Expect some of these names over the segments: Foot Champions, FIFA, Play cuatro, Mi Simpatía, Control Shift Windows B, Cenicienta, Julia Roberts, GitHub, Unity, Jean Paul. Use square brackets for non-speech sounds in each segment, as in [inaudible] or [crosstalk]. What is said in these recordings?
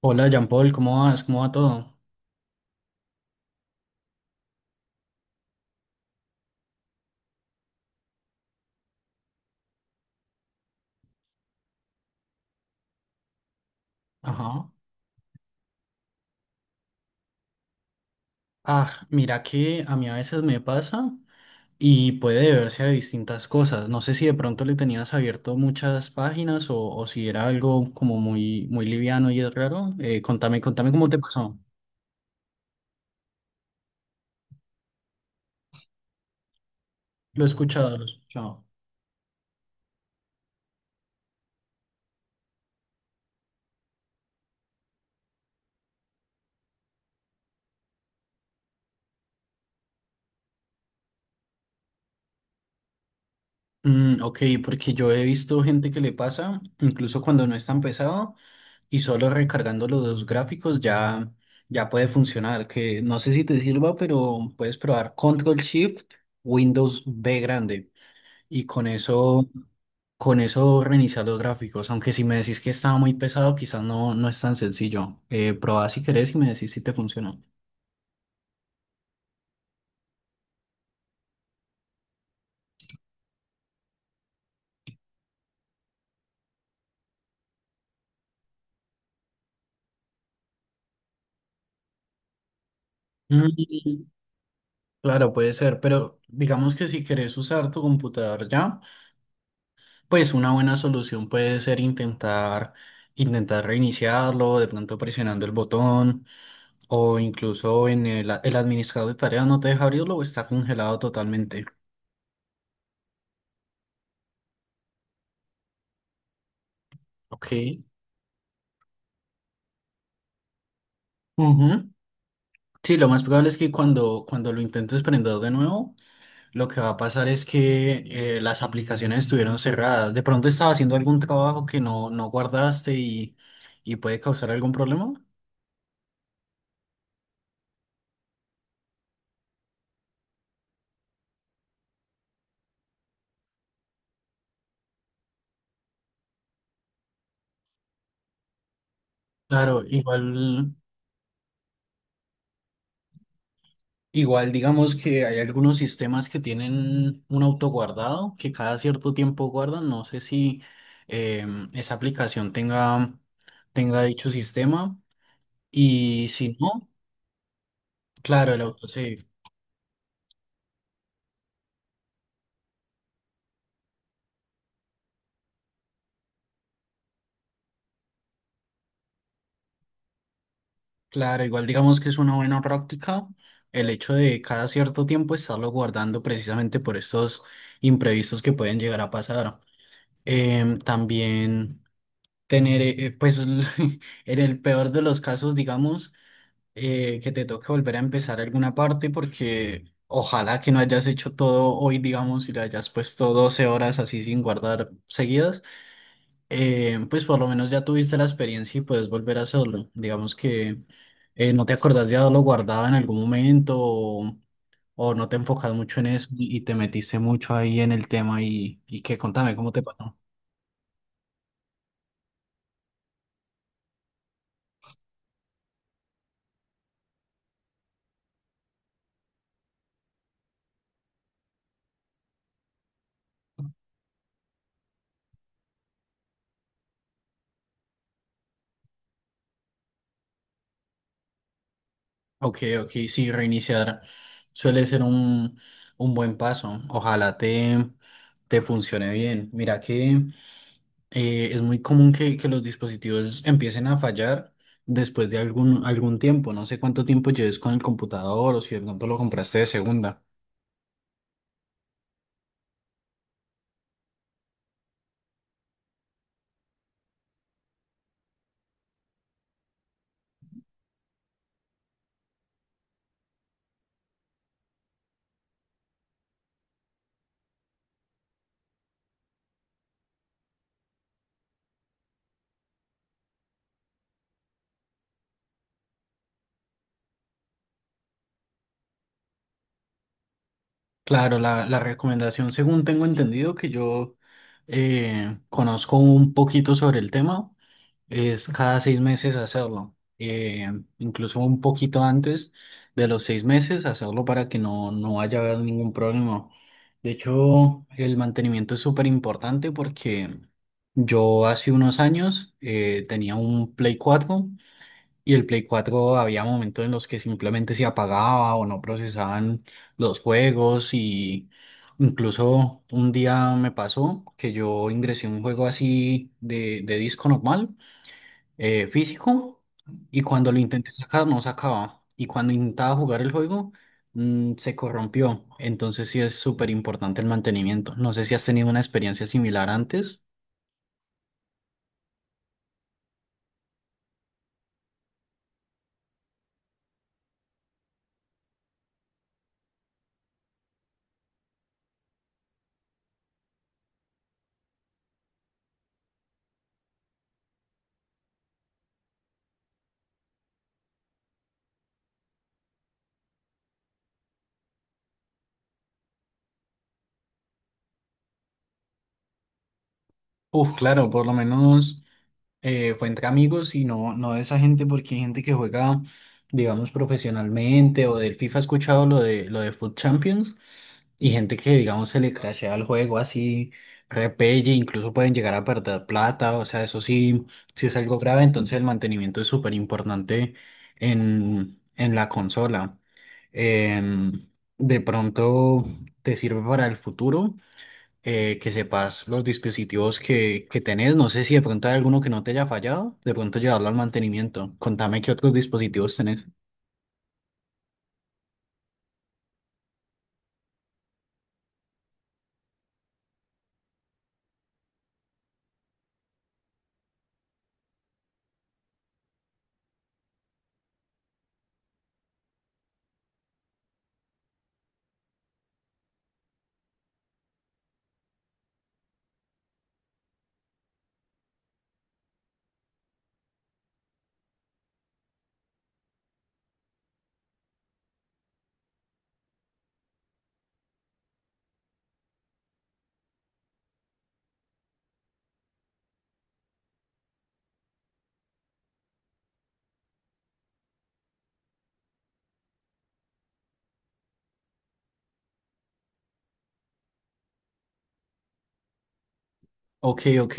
Hola, Jean Paul, ¿cómo vas? ¿Cómo va todo? Ajá. Ah, mira que a mí a veces me pasa y puede deberse a distintas cosas. No sé si de pronto le tenías abierto muchas páginas o si era algo como muy, muy liviano y es raro. Contame cómo te pasó. Lo he escuchado, lo he escuchado. Ok, porque yo he visto gente que le pasa, incluso cuando no es tan pesado. Y solo recargando los dos gráficos ya puede funcionar, que no sé si te sirva, pero puedes probar Control Shift, Windows B grande y con eso reiniciar los gráficos, aunque si me decís que estaba muy pesado, quizás no, no es tan sencillo. Probá si querés y me decís si te funcionó. Mm, Claro, puede ser, pero digamos que si querés usar tu computador ya. Pues una buena solución puede ser intentar reiniciarlo, de pronto presionando el botón, o incluso en el administrador de tareas no te deja abrirlo o está congelado totalmente. Ok. Ujú. Sí, lo más probable es que cuando lo intentes prender de nuevo, lo que va a pasar es que las aplicaciones estuvieron cerradas. De pronto estaba haciendo algún trabajo que no guardaste y puede causar algún problema. Claro, igual. Igual, digamos que hay algunos sistemas que tienen un autoguardado que cada cierto tiempo guardan. No sé si esa aplicación tenga dicho sistema. Y si no, claro, el autosave. Claro, igual digamos que es una buena práctica el hecho de cada cierto tiempo estarlo guardando precisamente por estos imprevistos que pueden llegar a pasar. También tener, pues, [laughs] en el peor de los casos, digamos que te toque volver a empezar alguna parte porque ojalá que no hayas hecho todo hoy, digamos, y le hayas puesto 12 horas así sin guardar seguidas, pues por lo menos ya tuviste la experiencia y puedes volver a hacerlo. Digamos que no te acordás de haberlo guardado en algún momento o no te enfocas mucho en eso y te metiste mucho ahí en el tema y que contame cómo te pasó. Ok, ok, sí, reiniciar suele ser un buen paso. Ojalá te funcione bien. Mira que es muy común que los dispositivos empiecen a fallar después de algún tiempo. No sé cuánto tiempo lleves con el computador o si de pronto lo compraste de segunda. Claro, la recomendación, según tengo entendido, que yo conozco un poquito sobre el tema. Es cada 6 meses hacerlo, incluso un poquito antes de los 6 meses hacerlo para que no vaya a haber ningún problema. De hecho, el mantenimiento es súper importante porque yo hace unos años tenía un Play 4 y el Play 4 había momentos en los que simplemente se apagaba o no procesaban los juegos y incluso un día me pasó que yo ingresé un juego así de disco normal físico y cuando lo intenté sacar no sacaba. Y cuando intentaba jugar el juego se corrompió. Entonces sí es súper importante el mantenimiento. No sé si has tenido una experiencia similar antes. Uf, claro, por lo menos fue entre amigos y no, no de esa gente porque hay gente que juega, digamos, profesionalmente o del FIFA he escuchado lo de Foot Champions. Y gente que, digamos, se le crashea el juego así, repelle, incluso pueden llegar a perder plata, o sea, eso sí, sí es algo grave, entonces el mantenimiento es súper importante en la consola. Em, de pronto te sirve para el futuro, que sepas los dispositivos que tenés, no sé si de pronto hay alguno que no te haya fallado, de pronto llevarlo al mantenimiento. Contame qué otros dispositivos tenés. Ok, ok.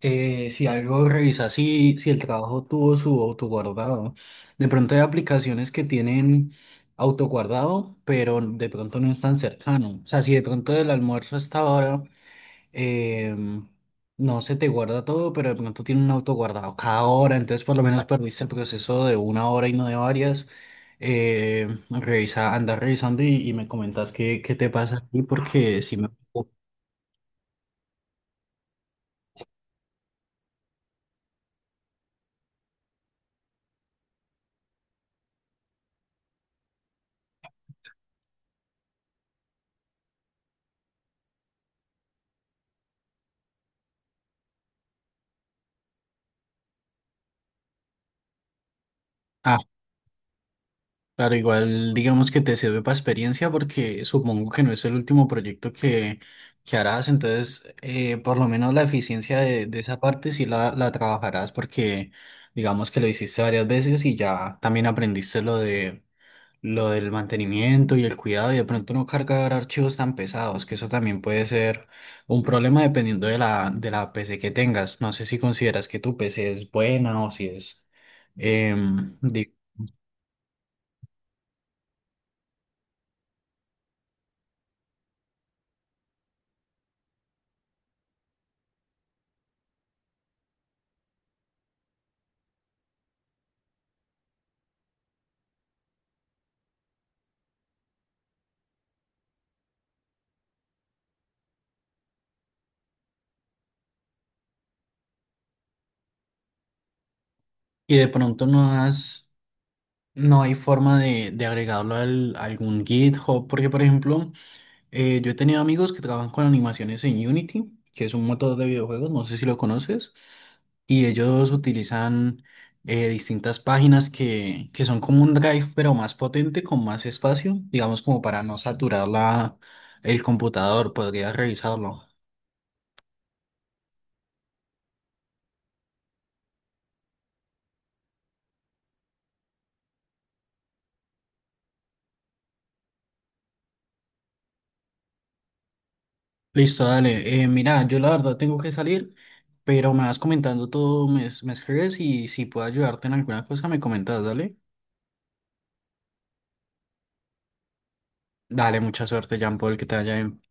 Si algo revisa, si el trabajo tuvo su autoguardado. De pronto hay aplicaciones que tienen autoguardado, pero de pronto no es tan cercano. O sea, si de pronto el almuerzo hasta ahora em, no se te guarda todo, pero de pronto tiene un autoguardado cada hora, entonces por lo menos perdiste el proceso de una hora y no de varias. Revisa, anda revisando y me comentas qué te pasa aquí, porque si me. Claro, igual digamos que te sirve para experiencia porque supongo que no es el último proyecto que harás, entonces por lo menos la eficiencia de esa parte sí la trabajarás porque digamos que lo hiciste varias veces y ya también aprendiste lo del mantenimiento y el cuidado y de pronto no cargar archivos tan pesados, que eso también puede ser un problema dependiendo de la PC que tengas. No sé si consideras que tu PC es buena. O si es... em, de- y de pronto no has No hay forma de agregarlo a algún GitHub, porque por ejemplo, yo he tenido amigos que trabajan con animaciones en Unity, que es un motor de videojuegos, no sé si lo conoces, y ellos utilizan distintas páginas que son como un Drive, pero más potente, con más espacio, digamos como para no saturar la, el computador, podría revisarlo. Listo, dale. Mira, yo la verdad tengo que salir, pero me vas comentando todo, me escribes y si puedo ayudarte en alguna cosa, me comentas, dale. Dale, mucha suerte, Jean Paul, que te vaya bien.